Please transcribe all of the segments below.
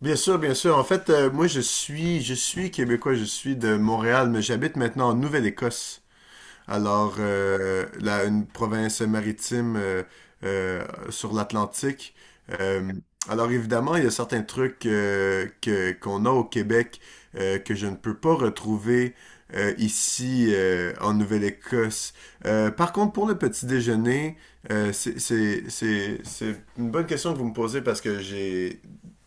Bien sûr, bien sûr. En fait, moi, je suis québécois, je suis de Montréal, mais j'habite maintenant en Nouvelle-Écosse. Alors, une province maritime euh, sur l'Atlantique. Euh, alors, évidemment, il y a certains trucs que, qu'on a au Québec que je ne peux pas retrouver ici en Nouvelle-Écosse. Par contre, pour le petit déjeuner, c'est une bonne question que vous me posez parce que j'ai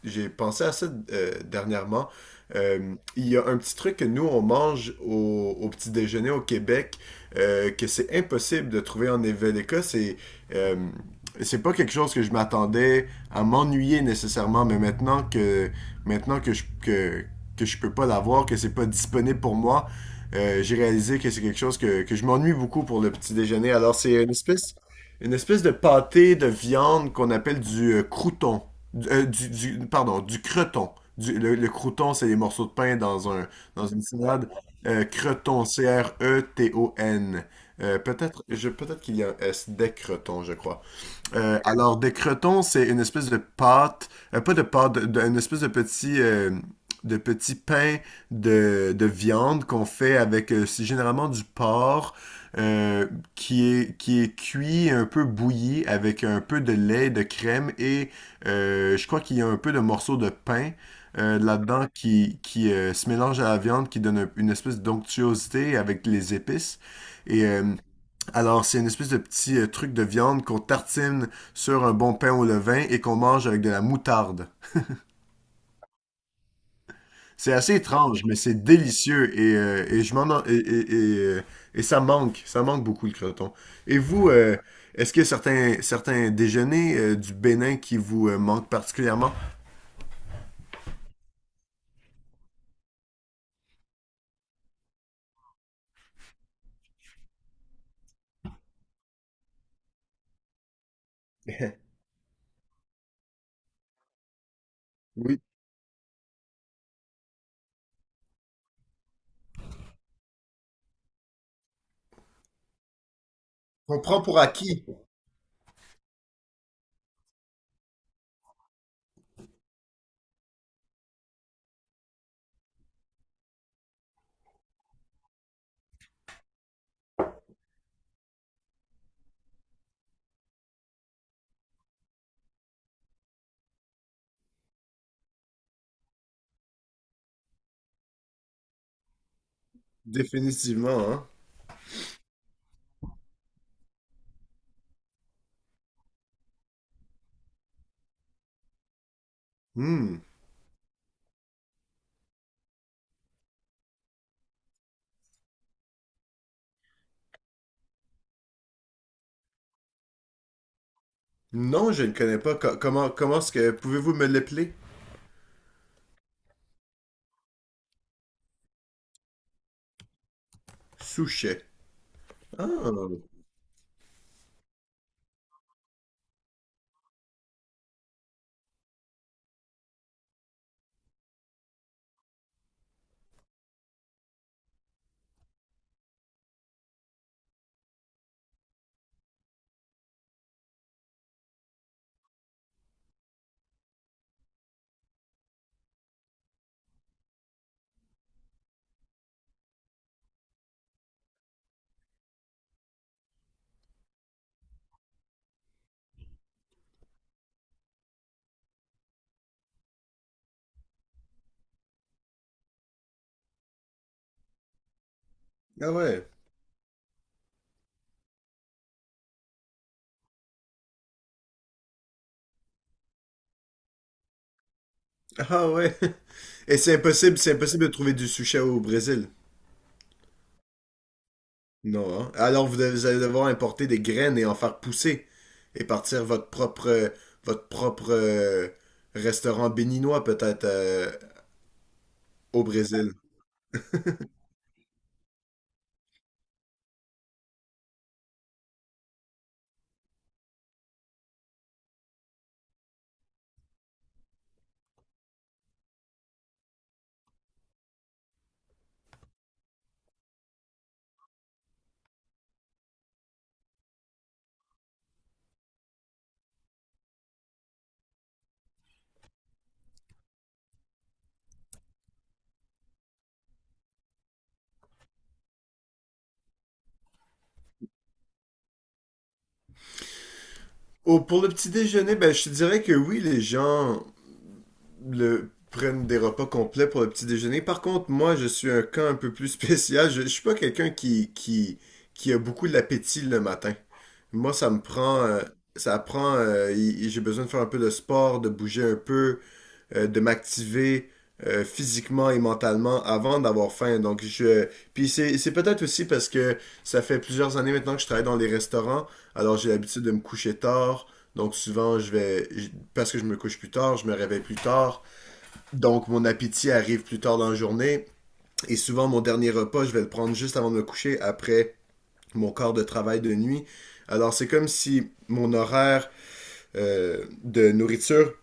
j'ai pensé à ça dernièrement. Il y a un petit truc que nous, on mange au petit déjeuner au Québec que c'est impossible de trouver en Eveleka. Euh, c'est pas quelque chose que je m'attendais à m'ennuyer nécessairement, mais maintenant que je peux pas l'avoir, que c'est pas disponible pour moi, j'ai réalisé que c'est quelque chose que je m'ennuie beaucoup pour le petit déjeuner. Alors c'est une espèce de pâté de viande qu'on appelle du crouton, pardon, du creton. Le crouton, c'est les morceaux de pain dans une salade. Creton, C-R-E-T-O-N. Peut-être je peut-être qu'il y a un S des Creton, je crois. Alors, des crotons, c'est une espèce de pâte, pas de pâte, de- une espèce de petit pain de viande qu'on fait avec, c'est généralement du porc euh, qui est cuit, un peu bouilli, avec un peu de lait, de crème et je crois qu'il y a un peu de morceaux de pain là-dedans qui, qui se mélange à la viande, qui donne un- une espèce d'onctuosité avec les épices. Et c'est une espèce de petit truc de viande qu'on tartine sur un bon pain au levain et qu'on mange avec de la moutarde. C'est assez étrange, mais c'est délicieux et je m'en en- et ça manque beaucoup le croton. Et vous, est-ce qu'il y a certains, certains déjeuners du Bénin qui vous manquent particulièrement? Oui. On prend pour acquis, définitivement, hein? Hmm. Non, je ne connais pas. Co- comment comment est-ce que pouvez-vous me l'appeler? Souchet. Ah, ah ouais. Ah ouais. Et c'est impossible de trouver du sushi au Brésil. Non, hein? Alors vous, devez- vous allez devoir importer des graines et en faire pousser et partir votre propre restaurant béninois peut-être au Brésil. Oh, pour le petit déjeuner, ben je te dirais que oui, les gens le prennent des repas complets pour le petit déjeuner. Par contre, moi, je suis un cas un peu plus spécial. Je suis pas quelqu'un qui a beaucoup l'appétit le matin. Moi, ça prend, j'ai besoin de faire un peu de sport, de bouger un peu, de m'activer physiquement et mentalement avant d'avoir faim. Puis c'est peut-être aussi parce que ça fait plusieurs années maintenant que je travaille dans les restaurants. Alors, j'ai l'habitude de me coucher tard. Donc souvent, parce que je me couche plus tard, je me réveille plus tard. Donc mon appétit arrive plus tard dans la journée. Et souvent, mon dernier repas, je vais le prendre juste avant de me coucher, après mon corps de travail de nuit. Alors c'est comme si mon horaire de nourriture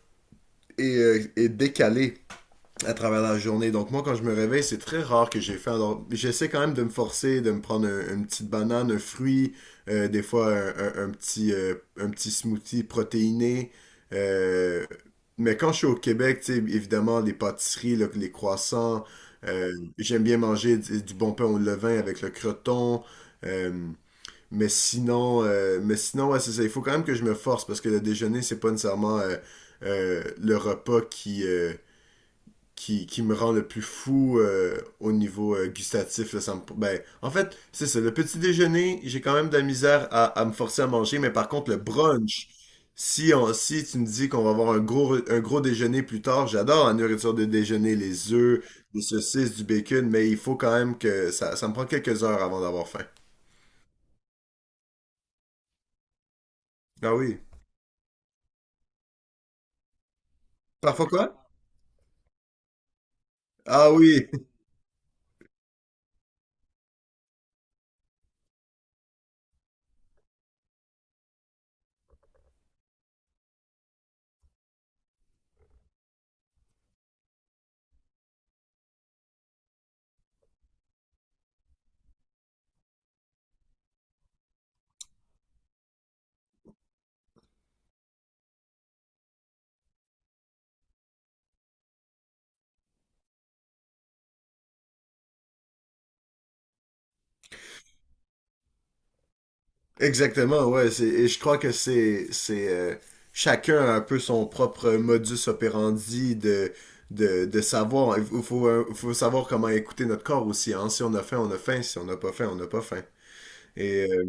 est décalé à travers la journée. Donc moi, quand je me réveille, c'est très rare que j'ai fait. Alors, j'essaie quand même de me forcer, de me prendre une petite banane, un fruit, des fois un petit smoothie protéiné. Euh, mais quand je suis au Québec, tu sais, évidemment, les pâtisseries, les croissants, euh, j'aime bien manger du bon pain au levain avec le croton. Euh, mais sinon, ouais, c'est ça. Il faut quand même que je me force parce que le déjeuner, c'est pas nécessairement le repas qui me rend le plus fou au niveau gustatif. Là, ben, en fait, c'est ça. Le petit déjeuner, j'ai quand même de la misère à me forcer à manger, mais par contre, le brunch, si tu me dis qu'on va avoir un gros déjeuner plus tard, j'adore la nourriture de déjeuner, les œufs, les saucisses, du bacon, mais il faut quand même ça me prend quelques heures avant d'avoir faim. Ah oui. Parfois quoi? Ah oui. Exactement, ouais. Et je crois que c'est chacun a un peu son propre modus operandi de savoir. Il faut, faut savoir comment écouter notre corps aussi. Hein. Si on a faim, on a faim. Si on n'a pas faim, on n'a pas faim. Et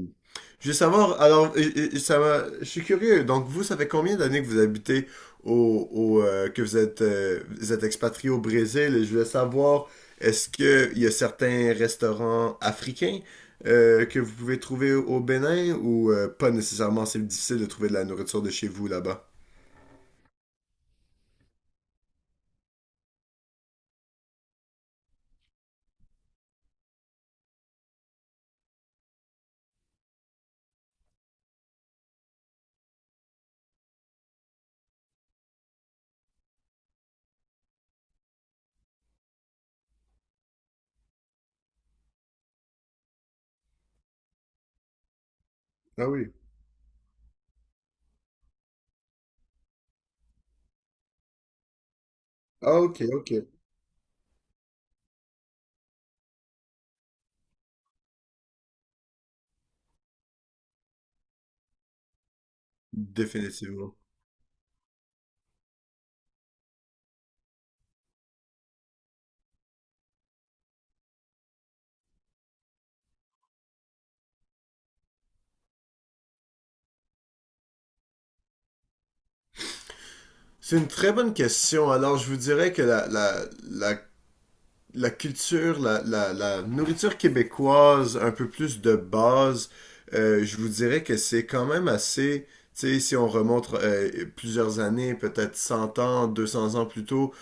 je veux savoir, alors, je suis curieux. Donc, vous, ça fait combien d'années que vous habitez que vous êtes expatrié au Brésil? Et je voulais savoir, est-ce que il y a certains restaurants africains que vous pouvez trouver au Bénin ou pas nécessairement? C'est difficile de trouver de la nourriture de chez vous là-bas. Ah oui. Ah, ok, ok. Définitivement. C'est une très bonne question. Alors, je vous dirais que la culture, la nourriture québécoise un peu plus de base, je vous dirais que c'est quand même assez, tu sais, si on remonte plusieurs années, peut-être 100 ans, 200 ans plus tôt,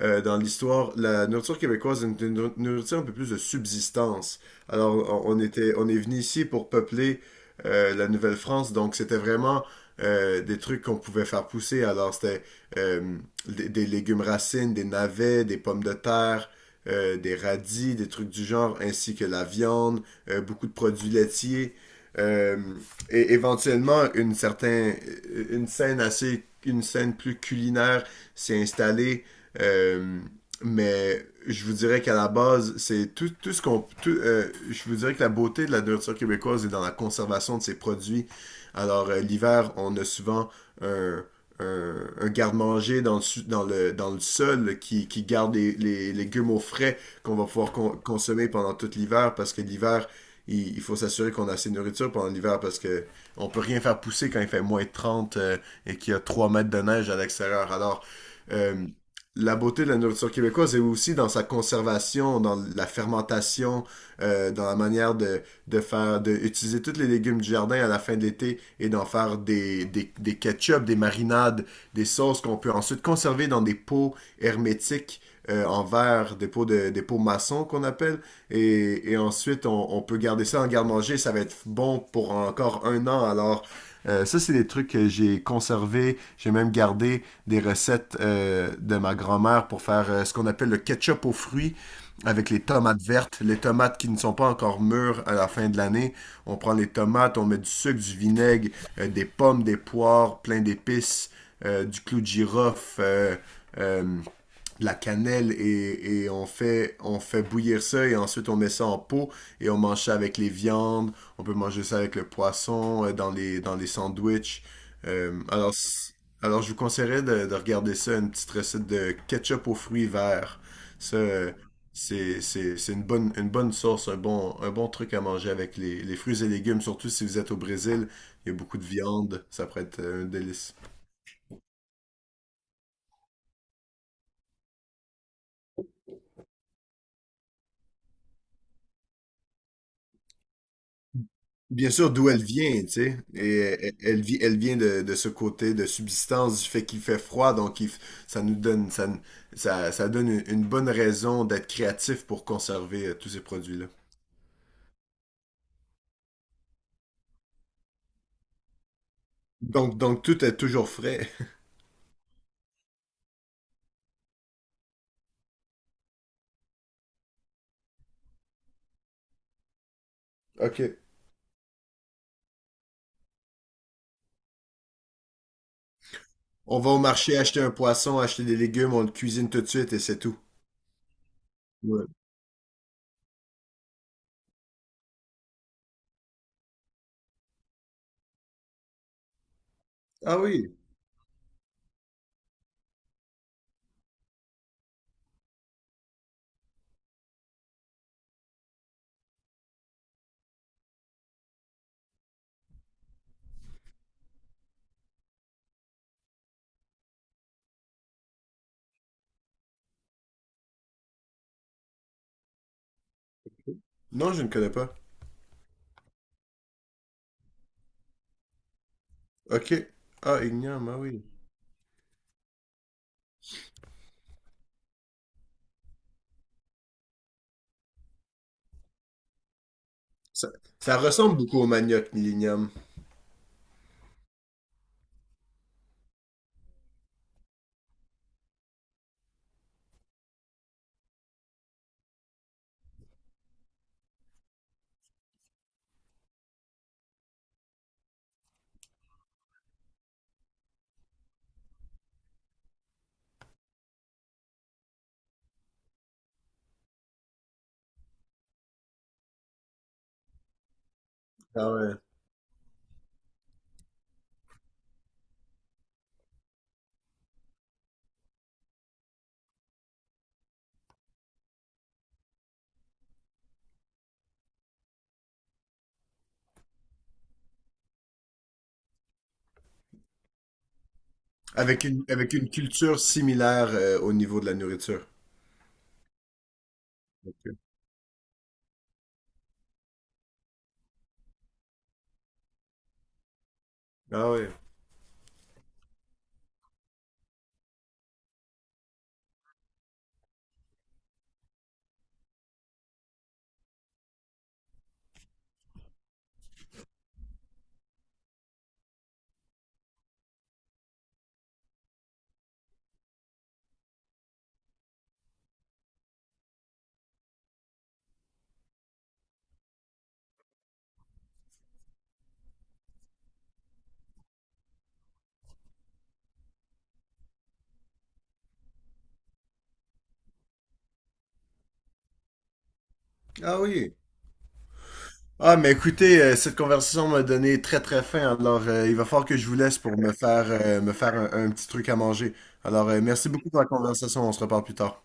dans l'histoire, la nourriture québécoise est une nourriture un peu plus de subsistance. Alors, on est venu ici pour peupler la Nouvelle-France, donc c'était vraiment des trucs qu'on pouvait faire pousser. Alors, c'était euh, des légumes racines, des navets, des pommes de terre, des radis, des trucs du genre, ainsi que la viande, beaucoup de produits laitiers, euh, et éventuellement une scène assez, une scène plus culinaire s'est installée. euh, mais je vous dirais qu'à la base, c'est tout, tout ce qu'on. Tout, je vous dirais que la beauté de la nourriture québécoise est dans la conservation de ses produits. Alors, l'hiver, on a souvent un, un garde-manger dans le sol là, qui garde les légumes au frais qu'on va pouvoir con- consommer pendant tout l'hiver parce que l'hiver, il faut s'assurer qu'on a assez de nourriture pendant l'hiver parce que on peut rien faire pousser quand il fait moins de 30 et qu'il y a 3 mètres de neige à l'extérieur. Alors, euh, la beauté de la nourriture québécoise est aussi dans sa conservation, dans la fermentation, dans la manière de faire de utiliser tous les légumes du jardin à la fin de l'été et d'en faire des ketchup, des marinades, des sauces qu'on peut ensuite conserver dans des pots hermétiques en verre, des pots maçons qu'on appelle. Et ensuite, on peut garder ça en garde-manger. Ça va être bon pour encore un an. Alors, ça, c'est des trucs que j'ai conservés. J'ai même gardé des recettes de ma grand-mère pour faire ce qu'on appelle le ketchup aux fruits avec les tomates vertes, les tomates qui ne sont pas encore mûres à la fin de l'année. On prend les tomates, on met du sucre, du vinaigre, des pommes, des poires, plein d'épices, du clou de girofle, euh, de la cannelle et on fait bouillir ça et ensuite on met ça en pot et on mange ça avec les viandes. On peut manger ça avec le poisson, dans les sandwichs. Euh, alors, je vous conseillerais de regarder ça, une petite recette de ketchup aux fruits verts. Ça, euh, c'est une bonne sauce, un bon truc à manger avec les fruits et légumes, surtout si vous êtes au Brésil. Il y a beaucoup de viande, ça pourrait être un délice. Bien sûr, d'où elle vient, tu sais. Et elle, elle vient de ce côté de subsistance, du fait qu'il fait froid, donc ça nous donne, ça, n- ça donne une bonne raison d'être créatif pour conserver tous ces produits-là. Donc tout est toujours frais. OK. On va au marché acheter un poisson, acheter des légumes, on le cuisine tout de suite et c'est tout. Ouais. Ah oui. Non, je ne connais pas. Ok. Ah, Ignium, ah oui. Ça, ça ressemble beaucoup au manioc, l'Ignium. Ah ouais. Avec une culture similaire au niveau de la nourriture. Ok. Ah oui. Ah oui. Ah, mais écoutez, cette conversation m'a donné très très faim, alors il va falloir que je vous laisse pour me me faire un petit truc à manger. Alors, merci beaucoup pour la conversation, on se reparle plus tard.